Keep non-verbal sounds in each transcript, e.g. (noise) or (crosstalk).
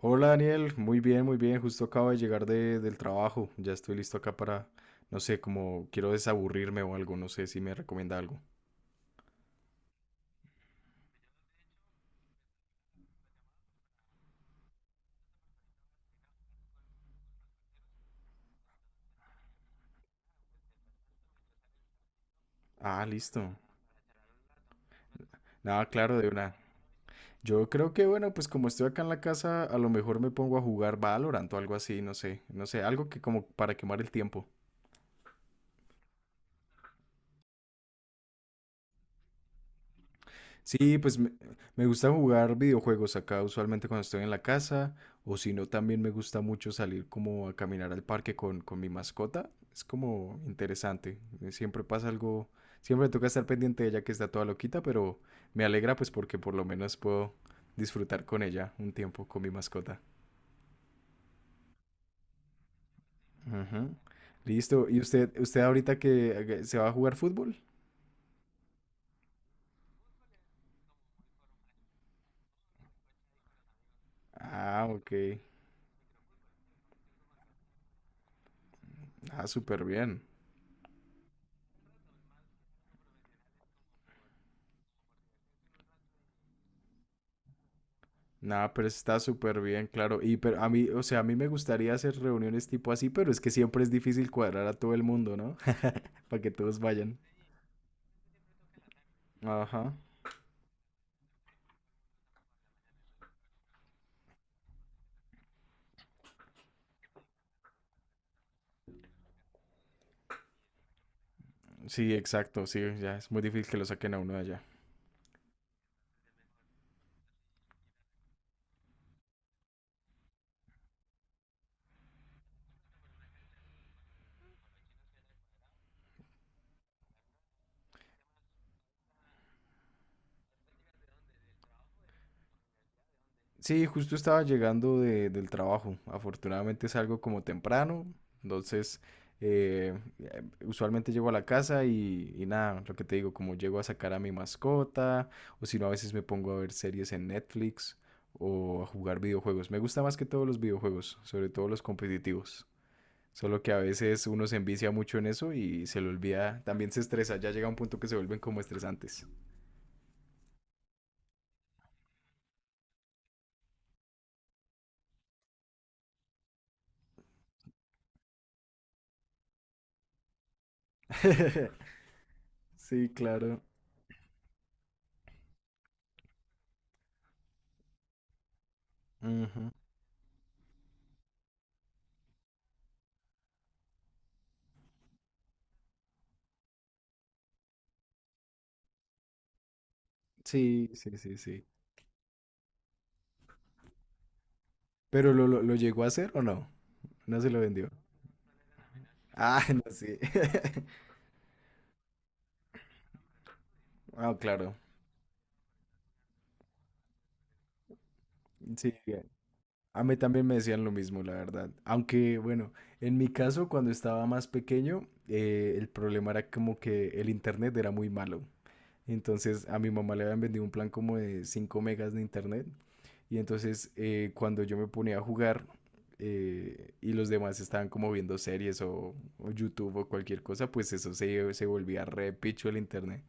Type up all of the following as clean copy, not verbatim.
Hola Daniel, muy bien, muy bien. Justo acabo de llegar del trabajo. Ya estoy listo acá para, no sé, como quiero desaburrirme o algo. No sé si me recomienda algo. Ah, listo. Nada, claro, de una. Yo creo que, bueno, pues como estoy acá en la casa, a lo mejor me pongo a jugar Valorant o algo así, no sé. No sé, algo que como para quemar el tiempo. Sí, pues me gusta jugar videojuegos acá usualmente cuando estoy en la casa o si no también me gusta mucho salir como a caminar al parque con mi mascota. Es como interesante. Siempre pasa algo, siempre me toca estar pendiente de ella que está toda loquita, pero me alegra pues porque por lo menos puedo disfrutar con ella un tiempo con mi mascota. Ujú. Listo. ¿Y usted ahorita que se va a jugar fútbol? Ah, ok. Ah, súper bien. Nada, pero está súper bien, claro. Y pero a mí, o sea, a mí me gustaría hacer reuniones tipo así, pero es que siempre es difícil cuadrar a todo el mundo, ¿no? (laughs) Para que todos vayan. Ajá. Sí, exacto, sí, ya es muy difícil que lo saquen a uno de allá. Sí, justo estaba llegando del trabajo. Afortunadamente salgo como temprano, entonces usualmente llego a la casa y nada, lo que te digo, como llego a sacar a mi mascota, o si no, a veces me pongo a ver series en Netflix o a jugar videojuegos. Me gusta más que todos los videojuegos, sobre todo los competitivos. Solo que a veces uno se envicia mucho en eso y se le olvida, también se estresa, ya llega un punto que se vuelven como estresantes. (laughs) Sí, claro. Ujú. Sí, sí, sí, sí. ¿Pero lo llegó a hacer o no? No se lo vendió. Ah, (laughs) no, sí. (laughs) Ah, claro. Sí, a mí también me decían lo mismo, la verdad. Aunque, bueno, en mi caso, cuando estaba más pequeño, el problema era como que el internet era muy malo. Entonces, a mi mamá le habían vendido un plan como de 5 megas de internet. Y entonces, cuando yo me ponía a jugar y los demás estaban como viendo series o YouTube o cualquier cosa, pues eso se volvía re picho el internet.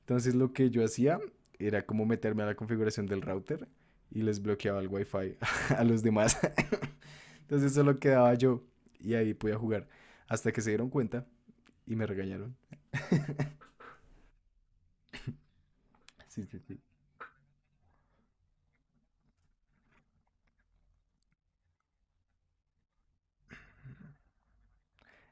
Entonces lo que yo hacía era como meterme a la configuración del router y les bloqueaba el wifi (laughs) a los demás. (laughs) Entonces solo quedaba yo y ahí podía jugar. Hasta que se dieron cuenta y me regañaron. Sí, sí, sí.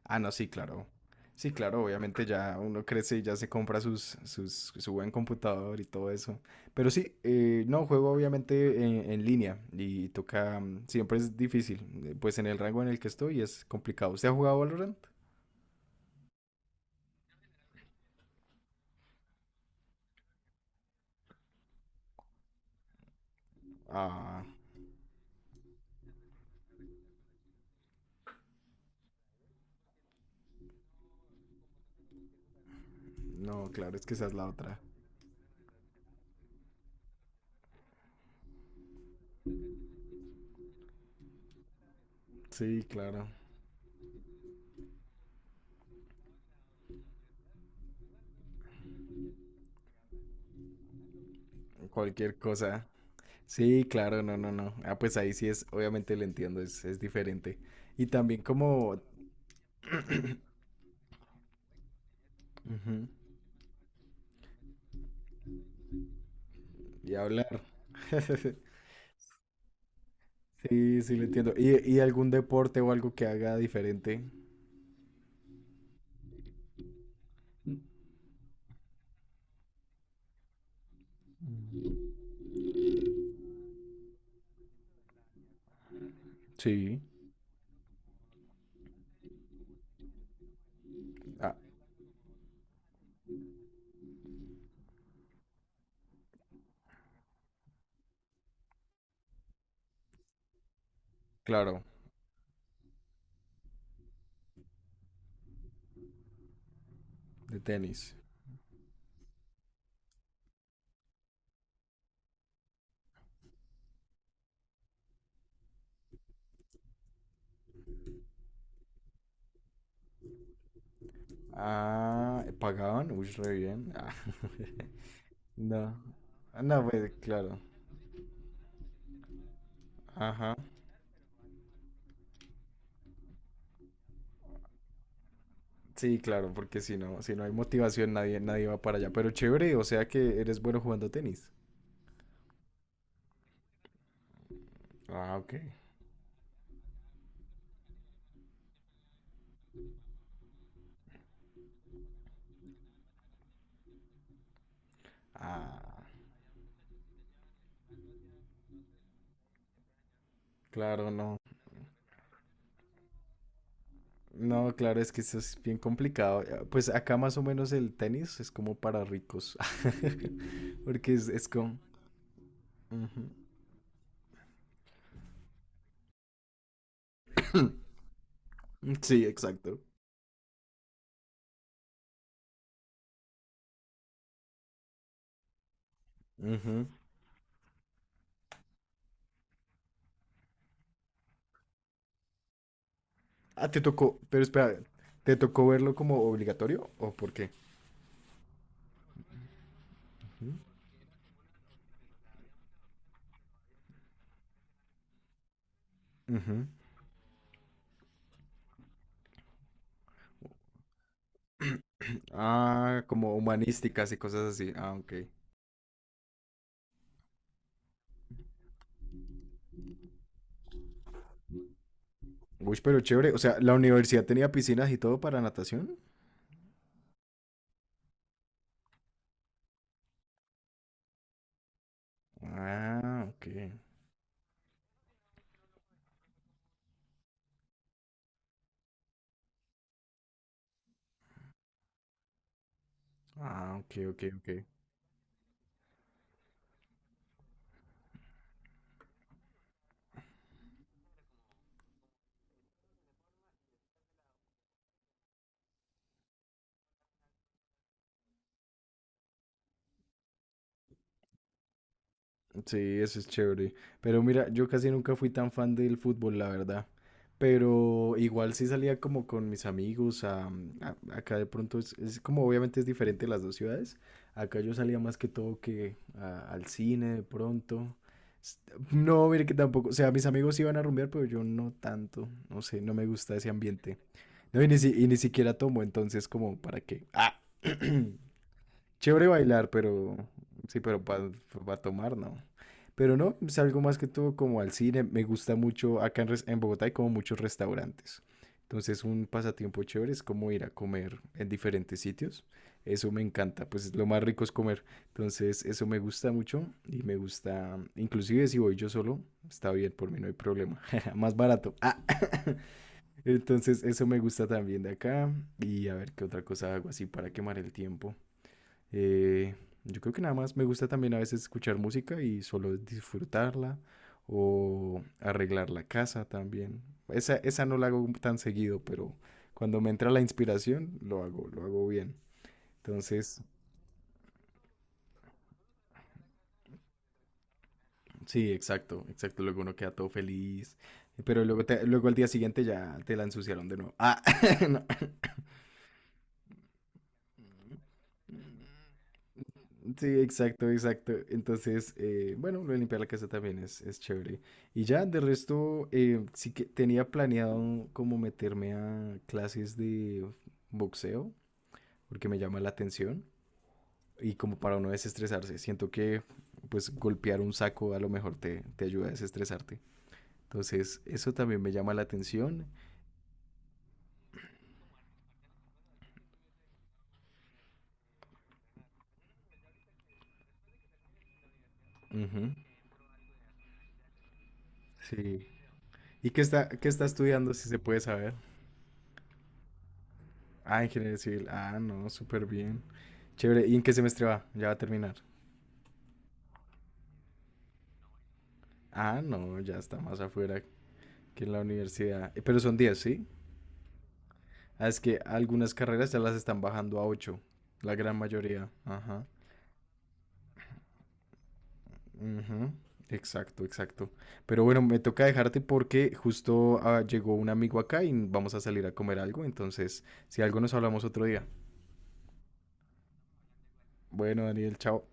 Ah, no, sí, claro. Sí, claro, obviamente ya uno crece y ya se compra su buen computador y todo eso. Pero sí, no, juego obviamente en línea y toca, siempre es difícil. Pues en el rango en el que estoy es complicado. ¿Usted ha jugado Valorant? Ah, no, claro, es que esa es la otra. Sí, claro. Cualquier cosa. Sí, claro, no, no, no. Ah, pues ahí sí es, obviamente lo entiendo, es diferente. Y también como ujú. Y hablar. (laughs) Sí, sí, lo entiendo. ¿Y algún deporte o algo que haga diferente? Sí. Ah, claro, de tenis. Ah, ¿pagaban? Uy, re bien. Ah, (laughs) no. Ah, no, pues claro. Ajá. Sí, claro, porque si no hay motivación, nadie, nadie va para allá. Pero chévere, o sea que eres bueno jugando tenis. Ah, ok. Ah, claro, no. No, claro, es que esto es bien complicado. Pues acá más o menos el tenis es como para ricos. (laughs) Porque es, como. Ujú. Sí, exacto. Ujú. Ah, te tocó, pero espera, ¿te tocó verlo como obligatorio o por qué? Ujú. Ah, como humanísticas y cosas así. Ah, ok. Uy, pero chévere. O sea, ¿la universidad tenía piscinas y todo para natación? Ah, ok. Ah, ok, ok, ok. Sí, eso es chévere. Pero mira, yo casi nunca fui tan fan del fútbol, la verdad. Pero igual sí salía como con mis amigos. Acá de pronto es como obviamente es diferente las dos ciudades. Acá yo salía más que todo que al cine de pronto. S- No, mire que tampoco. O sea, mis amigos iban a rumbear, pero yo no tanto. No sé, no me gusta ese ambiente. No, y ni, y ni siquiera tomo, entonces como, ¿para qué? Ah. (clears throat) Chévere bailar, pero sí, pero para tomar, no. Pero no, es algo más que todo como al cine. Me gusta mucho, acá en Bogotá hay como muchos restaurantes. Entonces un pasatiempo chévere es como ir a comer en diferentes sitios. Eso me encanta, pues lo más rico es comer. Entonces eso me gusta mucho y me gusta, inclusive si voy yo solo, está bien, por mí no hay problema. (laughs) Más barato. Ah, entonces eso me gusta también de acá. Y a ver qué otra cosa hago así para quemar el tiempo. Eh, yo creo que nada más me gusta también a veces escuchar música y solo disfrutarla o arreglar la casa también. Esa no la hago tan seguido, pero cuando me entra la inspiración, lo hago bien. Entonces, sí, exacto, exacto. Luego uno queda todo feliz, pero luego, luego al día siguiente ya te la ensuciaron de nuevo. Ah, (laughs) sí, exacto, exacto. Entonces, bueno, lo de limpiar la casa también es, chévere. Y ya, de resto, sí que tenía planeado como meterme a clases de boxeo, porque me llama la atención. Y como para no desestresarse, siento que pues golpear un saco a lo mejor te ayuda a desestresarte. Entonces, eso también me llama la atención. Ujú. Sí. ¿Y qué está estudiando, si se puede saber? Ah, ingeniería civil. Ah, no, súper bien. Chévere. ¿Y en qué semestre va? Ya va a terminar. Ah, no, ya está más afuera que en la universidad. Pero son 10, ¿sí? Ah, es que algunas carreras ya las están bajando a ocho. La gran mayoría. Ajá. Ujú. Exacto, exacto. Pero bueno, me toca dejarte porque justo llegó un amigo acá y vamos a salir a comer algo. Entonces, si algo nos hablamos otro día. Bueno, Daniel, chao.